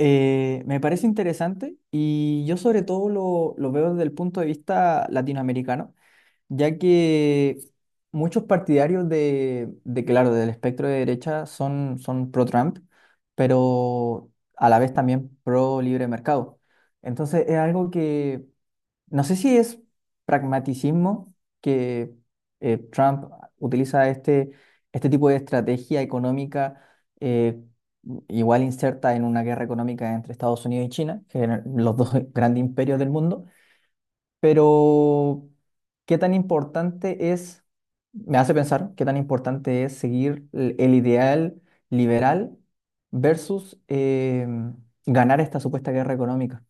Me parece interesante y yo sobre todo lo veo desde el punto de vista latinoamericano, ya que muchos partidarios claro, del espectro de derecha son pro-Trump, pero a la vez también pro-libre mercado. Entonces es algo que no sé si es pragmaticismo que Trump utiliza este tipo de estrategia económica, eh, igual inserta en una guerra económica entre Estados Unidos y China, que eran los dos grandes imperios del mundo, pero qué tan importante es, me hace pensar, qué tan importante es seguir el ideal liberal versus ganar esta supuesta guerra económica.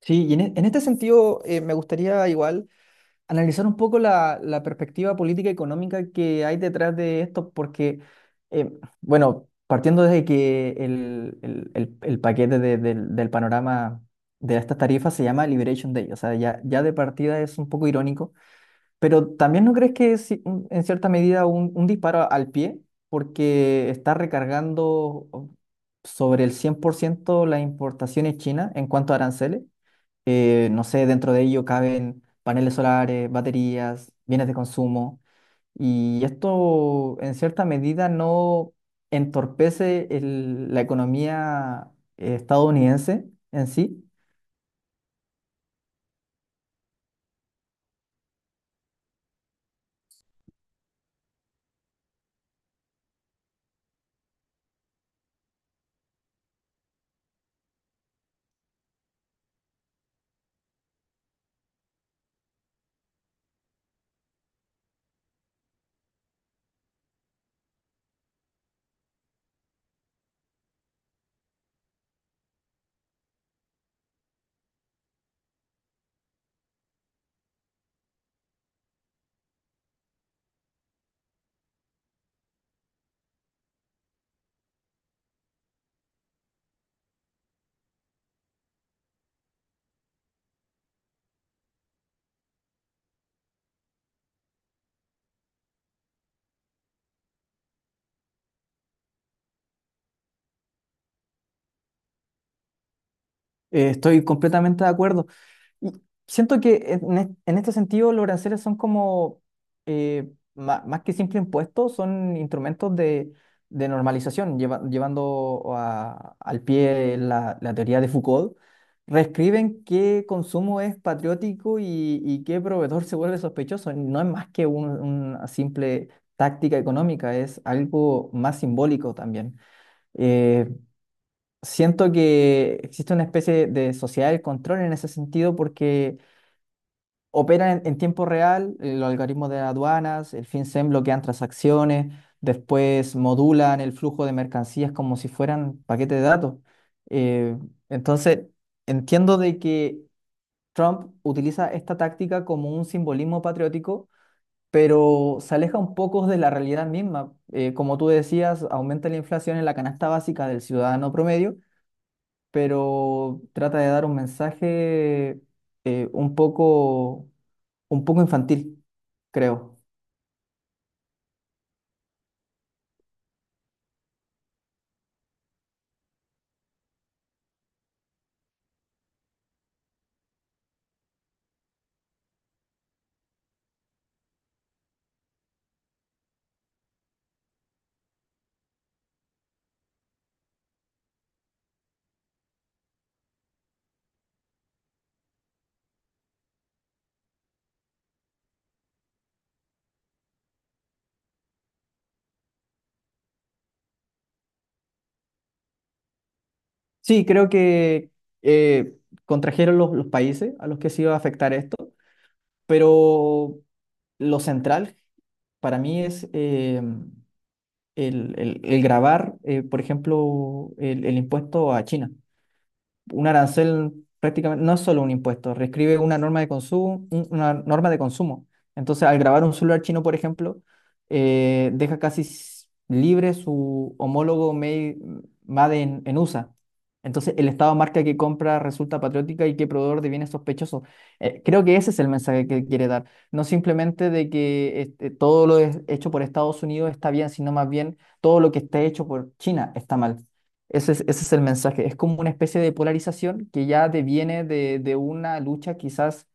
Sí, en este sentido me gustaría igual analizar un poco la perspectiva política y económica que hay detrás de esto, porque, eh, bueno, partiendo desde que el paquete del panorama de estas tarifas se llama Liberation Day, o sea, ya de partida es un poco irónico, pero también, ¿no crees que es en cierta medida un disparo al pie, porque está recargando oh, sobre el 100% las importaciones chinas en cuanto a aranceles? No sé, dentro de ello caben paneles solares, baterías, bienes de consumo, y esto en cierta medida no entorpece la economía estadounidense en sí. Estoy completamente de acuerdo. Y siento que en este sentido los aranceles son como, más que simple impuestos, son instrumentos de normalización, llevando al pie la teoría de Foucault. Reescriben qué consumo es patriótico y qué proveedor se vuelve sospechoso. No es más que una simple táctica económica, es algo más simbólico también. Eh, Siento que existe una especie de sociedad del control en ese sentido, porque operan en tiempo real, los algoritmos de aduanas, el FinCEN bloquean transacciones, después modulan el flujo de mercancías como si fueran paquetes de datos. Eh, entonces, entiendo de que Trump utiliza esta táctica como un simbolismo patriótico, pero se aleja un poco de la realidad misma. Como tú decías, aumenta la inflación en la canasta básica del ciudadano promedio, pero trata de dar un mensaje eh, un poco, un poco infantil, creo. Sí, creo que eh, contrajeron los países a los que se iba a afectar esto, pero lo central para mí es el grabar, por ejemplo, el impuesto a China. Un arancel prácticamente no es solo un impuesto, reescribe una norma de consumo, una norma de consumo. Entonces, al grabar un celular chino, por ejemplo, deja casi libre su homólogo made en USA. Entonces, el Estado marca que compra resulta patriótica y que proveedor de bienes sospechosos. Creo que ese es el mensaje que quiere dar. No simplemente de que este, todo lo hecho por Estados Unidos está bien, sino más bien todo lo que esté hecho por China está mal. Ese es el mensaje. Es como una especie de polarización que ya deviene de una lucha quizás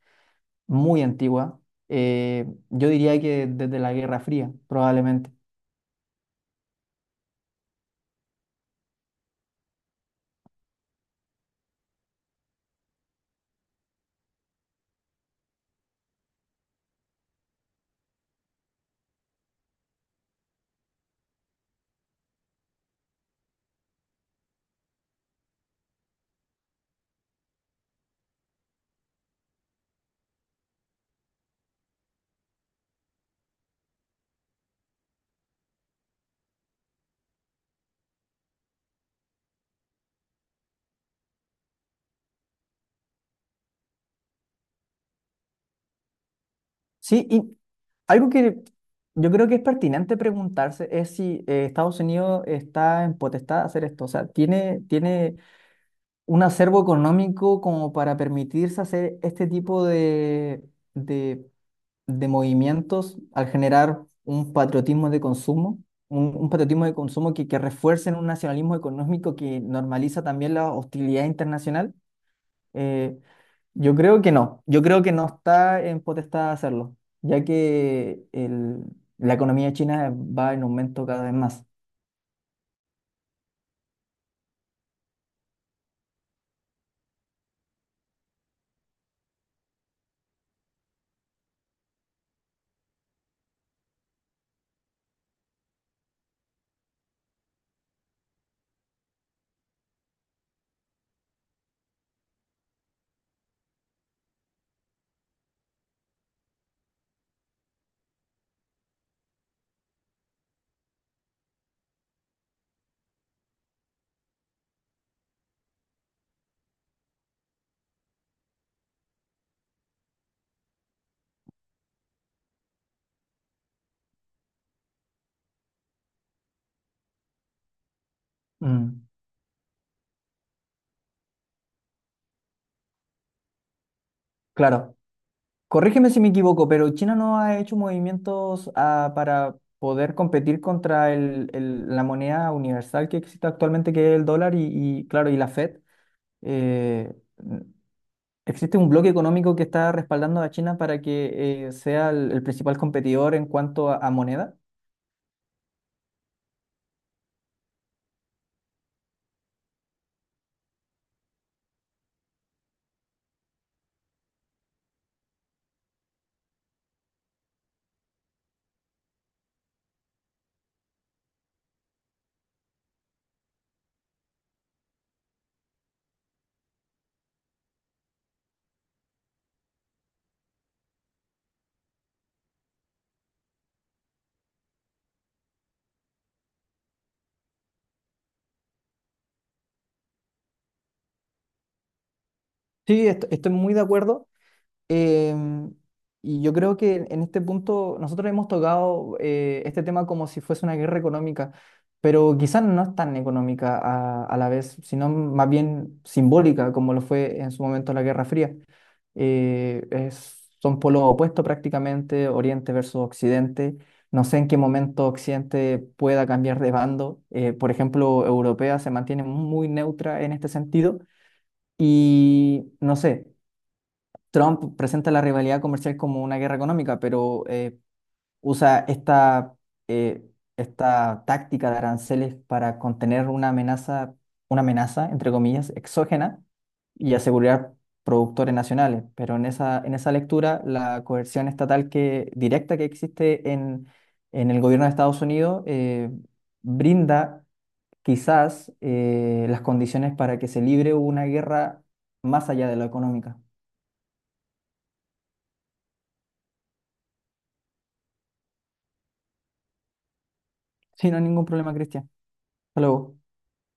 muy antigua. Yo diría que desde la Guerra Fría, probablemente. Sí, y algo que yo creo que es pertinente preguntarse es si Estados Unidos está en potestad de hacer esto. O sea, ¿ tiene un acervo económico como para permitirse hacer este tipo de de movimientos, al generar un patriotismo de consumo, un patriotismo de consumo que refuerce un nacionalismo económico que normaliza también la hostilidad internacional? Eh, yo creo que no, yo creo que no está en potestad hacerlo, ya que la economía china va en aumento cada vez más. Mm, claro. Corrígeme si me equivoco, pero China no ha hecho movimientos, ah, para poder competir contra la moneda universal que existe actualmente, que es el dólar, y, claro, y la Fed. Eh, n- Existe un bloque económico que está respaldando a China para que sea el principal competidor en cuanto a moneda. Sí, estoy muy de acuerdo. Em, y yo creo que en este punto nosotros hemos tocado este tema como si fuese una guerra económica, pero quizás no es tan económica a la vez, sino más bien simbólica, como lo fue en su momento la Guerra Fría. Son polos opuestos prácticamente, Oriente versus Occidente. No sé en qué momento Occidente pueda cambiar de bando. Por ejemplo, Europea se mantiene muy neutra en este sentido. Y no sé, Trump presenta la rivalidad comercial como una guerra económica, pero usa eh, esta táctica de aranceles para contener una amenaza, entre comillas, exógena, y asegurar productores nacionales. Pero en en esa lectura, la coerción estatal que, directa, que existe en el gobierno de Estados Unidos, brinda quizás las condiciones para que se libre una guerra más allá de lo económica. Sí, no hay ningún problema, Cristian. Hola.